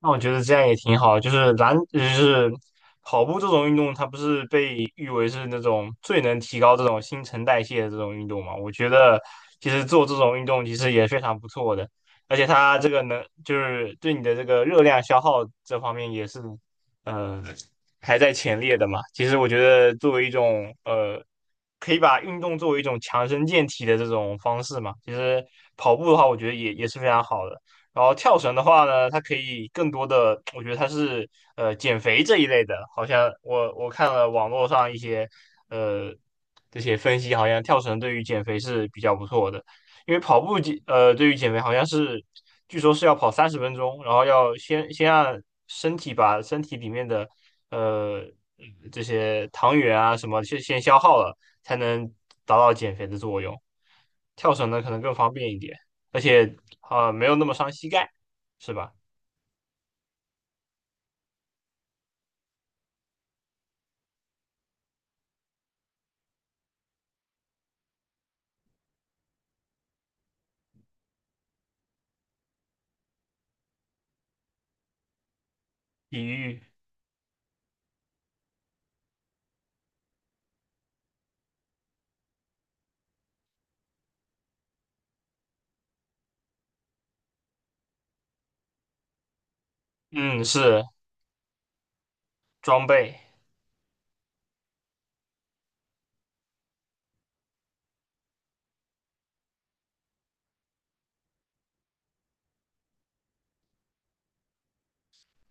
那我觉得这样也挺好，就是篮，就是跑步这种运动，它不是被誉为是那种最能提高这种新陈代谢的这种运动嘛？我觉得其实做这种运动其实也非常不错的，而且它这个能就是对你的这个热量消耗这方面也是，呃，排在前列的嘛。其实我觉得作为一种可以把运动作为一种强身健体的这种方式嘛，其实跑步的话，我觉得也是非常好的。然后跳绳的话呢，它可以更多的，我觉得它是减肥这一类的，好像我看了网络上一些呃这些分析，好像跳绳对于减肥是比较不错的，因为跑步减呃对于减肥好像是据说是要跑30分钟，然后要先让身体把身体里面的呃这些糖原啊什么先消耗了，才能达到减肥的作用。跳绳呢可能更方便一点。而且没有那么伤膝盖，是吧？体育，嗯，是装备。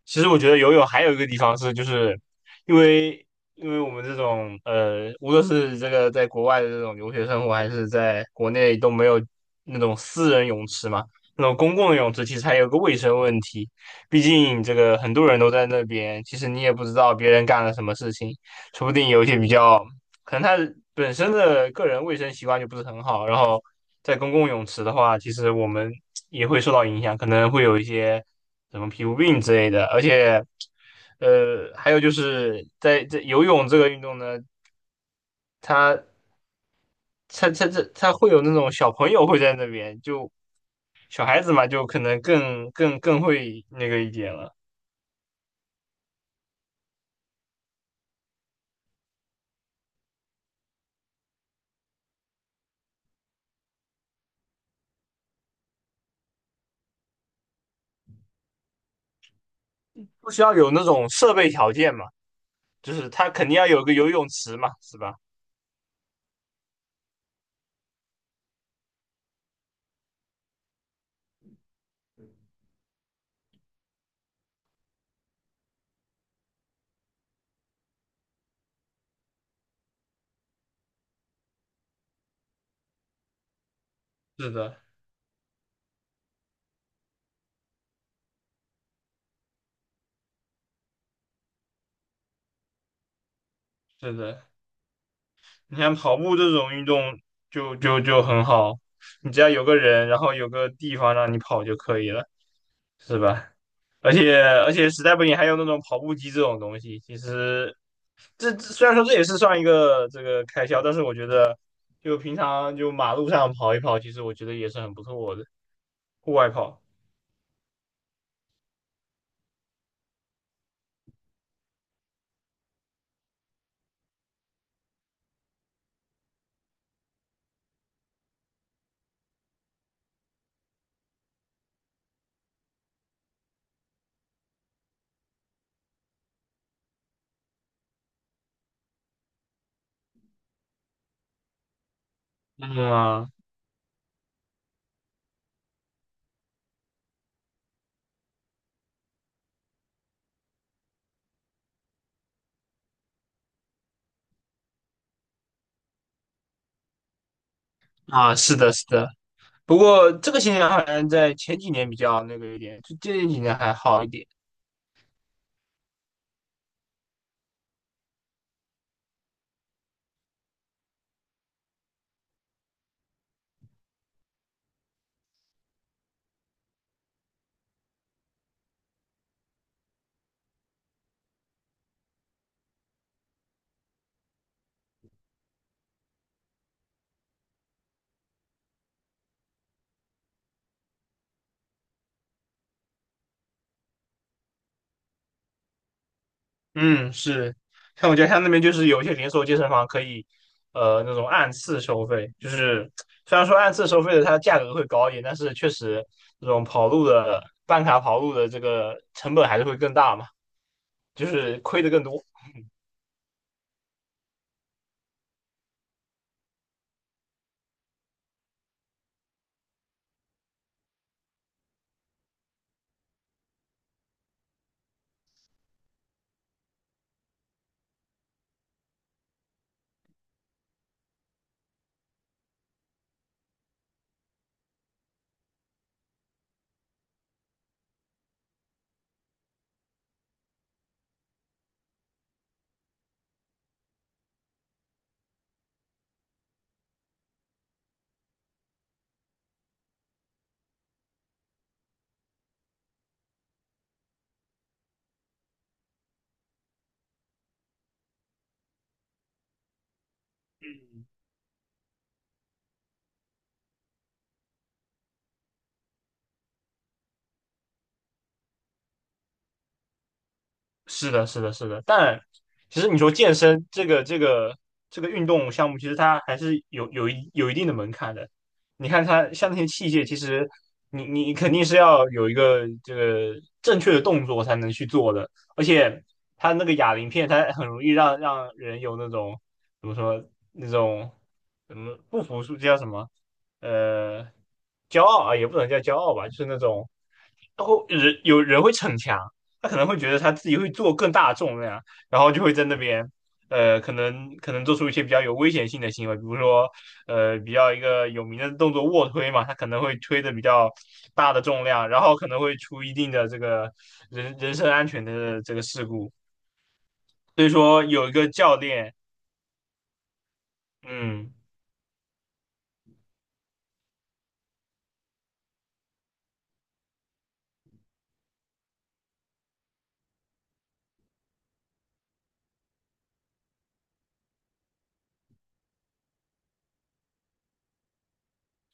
其实我觉得游泳还有一个地方是，就是因为因为我们这种无论是这个在国外的这种留学生活，还是在国内都没有那种私人泳池嘛，那种公共的泳池其实还有个卫生问题。毕竟这个很多人都在那边，其实你也不知道别人干了什么事情，说不定有一些比较可能他本身的个人卫生习惯就不是很好，然后在公共泳池的话，其实我们也会受到影响，可能会有一些什么皮肤病之类的，而且，还有就是在游泳这个运动呢，它它会有那种小朋友会在那边，就小孩子嘛，就可能更会那个一点了，不需要有那种设备条件嘛，就是他肯定要有个游泳池嘛，是吧？是的，是的。你看跑步这种运动就很好，你只要有个人，然后有个地方让你跑就可以了，是吧？而且而且实在不行还有那种跑步机这种东西，其实这虽然说这也是算一个这个开销，但是我觉得就平常就马路上跑一跑，其实我觉得也是很不错的，户外跑。嗯啊，啊是的，是的。不过这个现象好像在前几年比较那个一点，就这几年还好一点。嗯，是，像我家得他那边就是有一些连锁健身房可以，那种按次收费，就是虽然说按次收费的它价格会高一点，但是确实这种跑路的办卡跑路的这个成本还是会更大嘛，就是亏的更多。是的，是的，是的，但其实你说健身这个运动项目，其实它还是有一定的门槛的。你看它像那些器械，其实你肯定是要有一个这个正确的动作才能去做的，而且它那个哑铃片，它很容易让人有那种怎么说那种怎么不服输，叫什么呃骄傲啊，也不能叫骄傲吧，就是那种然后人有人会逞强。他可能会觉得他自己会做更大的重量，然后就会在那边，可能做出一些比较有危险性的行为，比如说，比较一个有名的动作卧推嘛，他可能会推的比较大的重量，然后可能会出一定的这个人身安全的这个事故。所以说，有一个教练，嗯，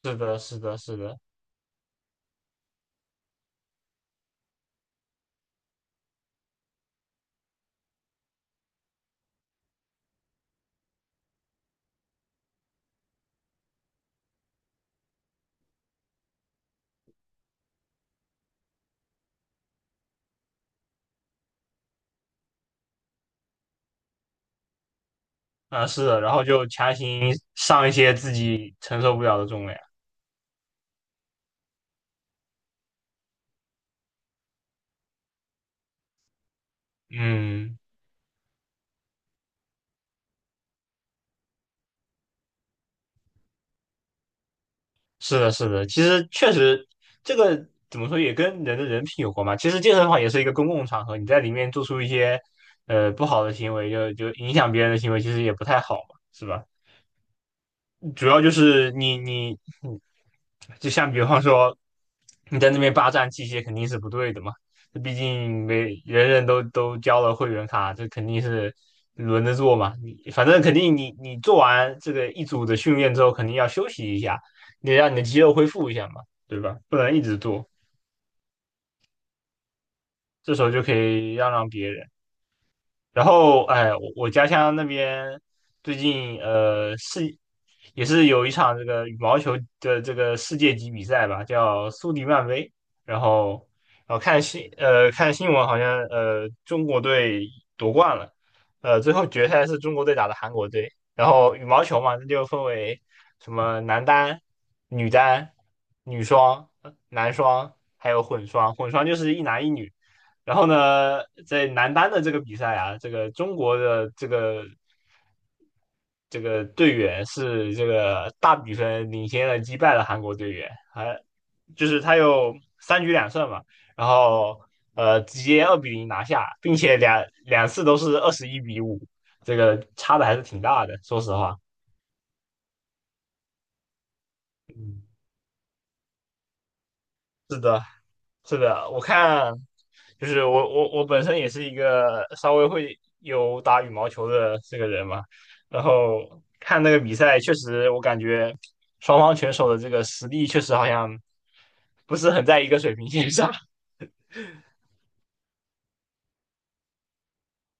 是的，是的，是的，啊，是的，然后就强行上一些自己承受不了的重量，嗯。是的，是的，其实确实，这个怎么说也跟人的人品有关嘛。其实健身房也是一个公共场合，你在里面做出一些不好的行为，就影响别人的行为，其实也不太好嘛，是吧？主要就是你就像比方说你在那边霸占器械肯定是不对的嘛，毕竟每人都交了会员卡，这肯定是轮着做嘛。你反正肯定你做完这个一组的训练之后，肯定要休息一下，你让你的肌肉恢复一下嘛，对吧？不能一直做，这时候就可以让别人。然后，哎，我家乡那边最近也是有一场这个羽毛球的这个世界级比赛吧，叫苏迪曼杯。然后，看新闻，好像中国队夺冠了，呃最后决赛是中国队打的韩国队。然后羽毛球嘛，那就分为什么男单、女单、女双、男双，还有混双。混双就是一男一女。然后呢，在男单的这个比赛啊，这个中国的这个队员是这个大比分领先了击败了韩国队员，还就是他有3局2胜嘛，然后直接2-0拿下，并且两次都是21-5，这个差的还是挺大的，说实话。嗯，是的，是的，我看就是我本身也是一个稍微会有打羽毛球的这个人嘛，然后看那个比赛，确实我感觉双方选手的这个实力确实好像不是很在一个水平线上。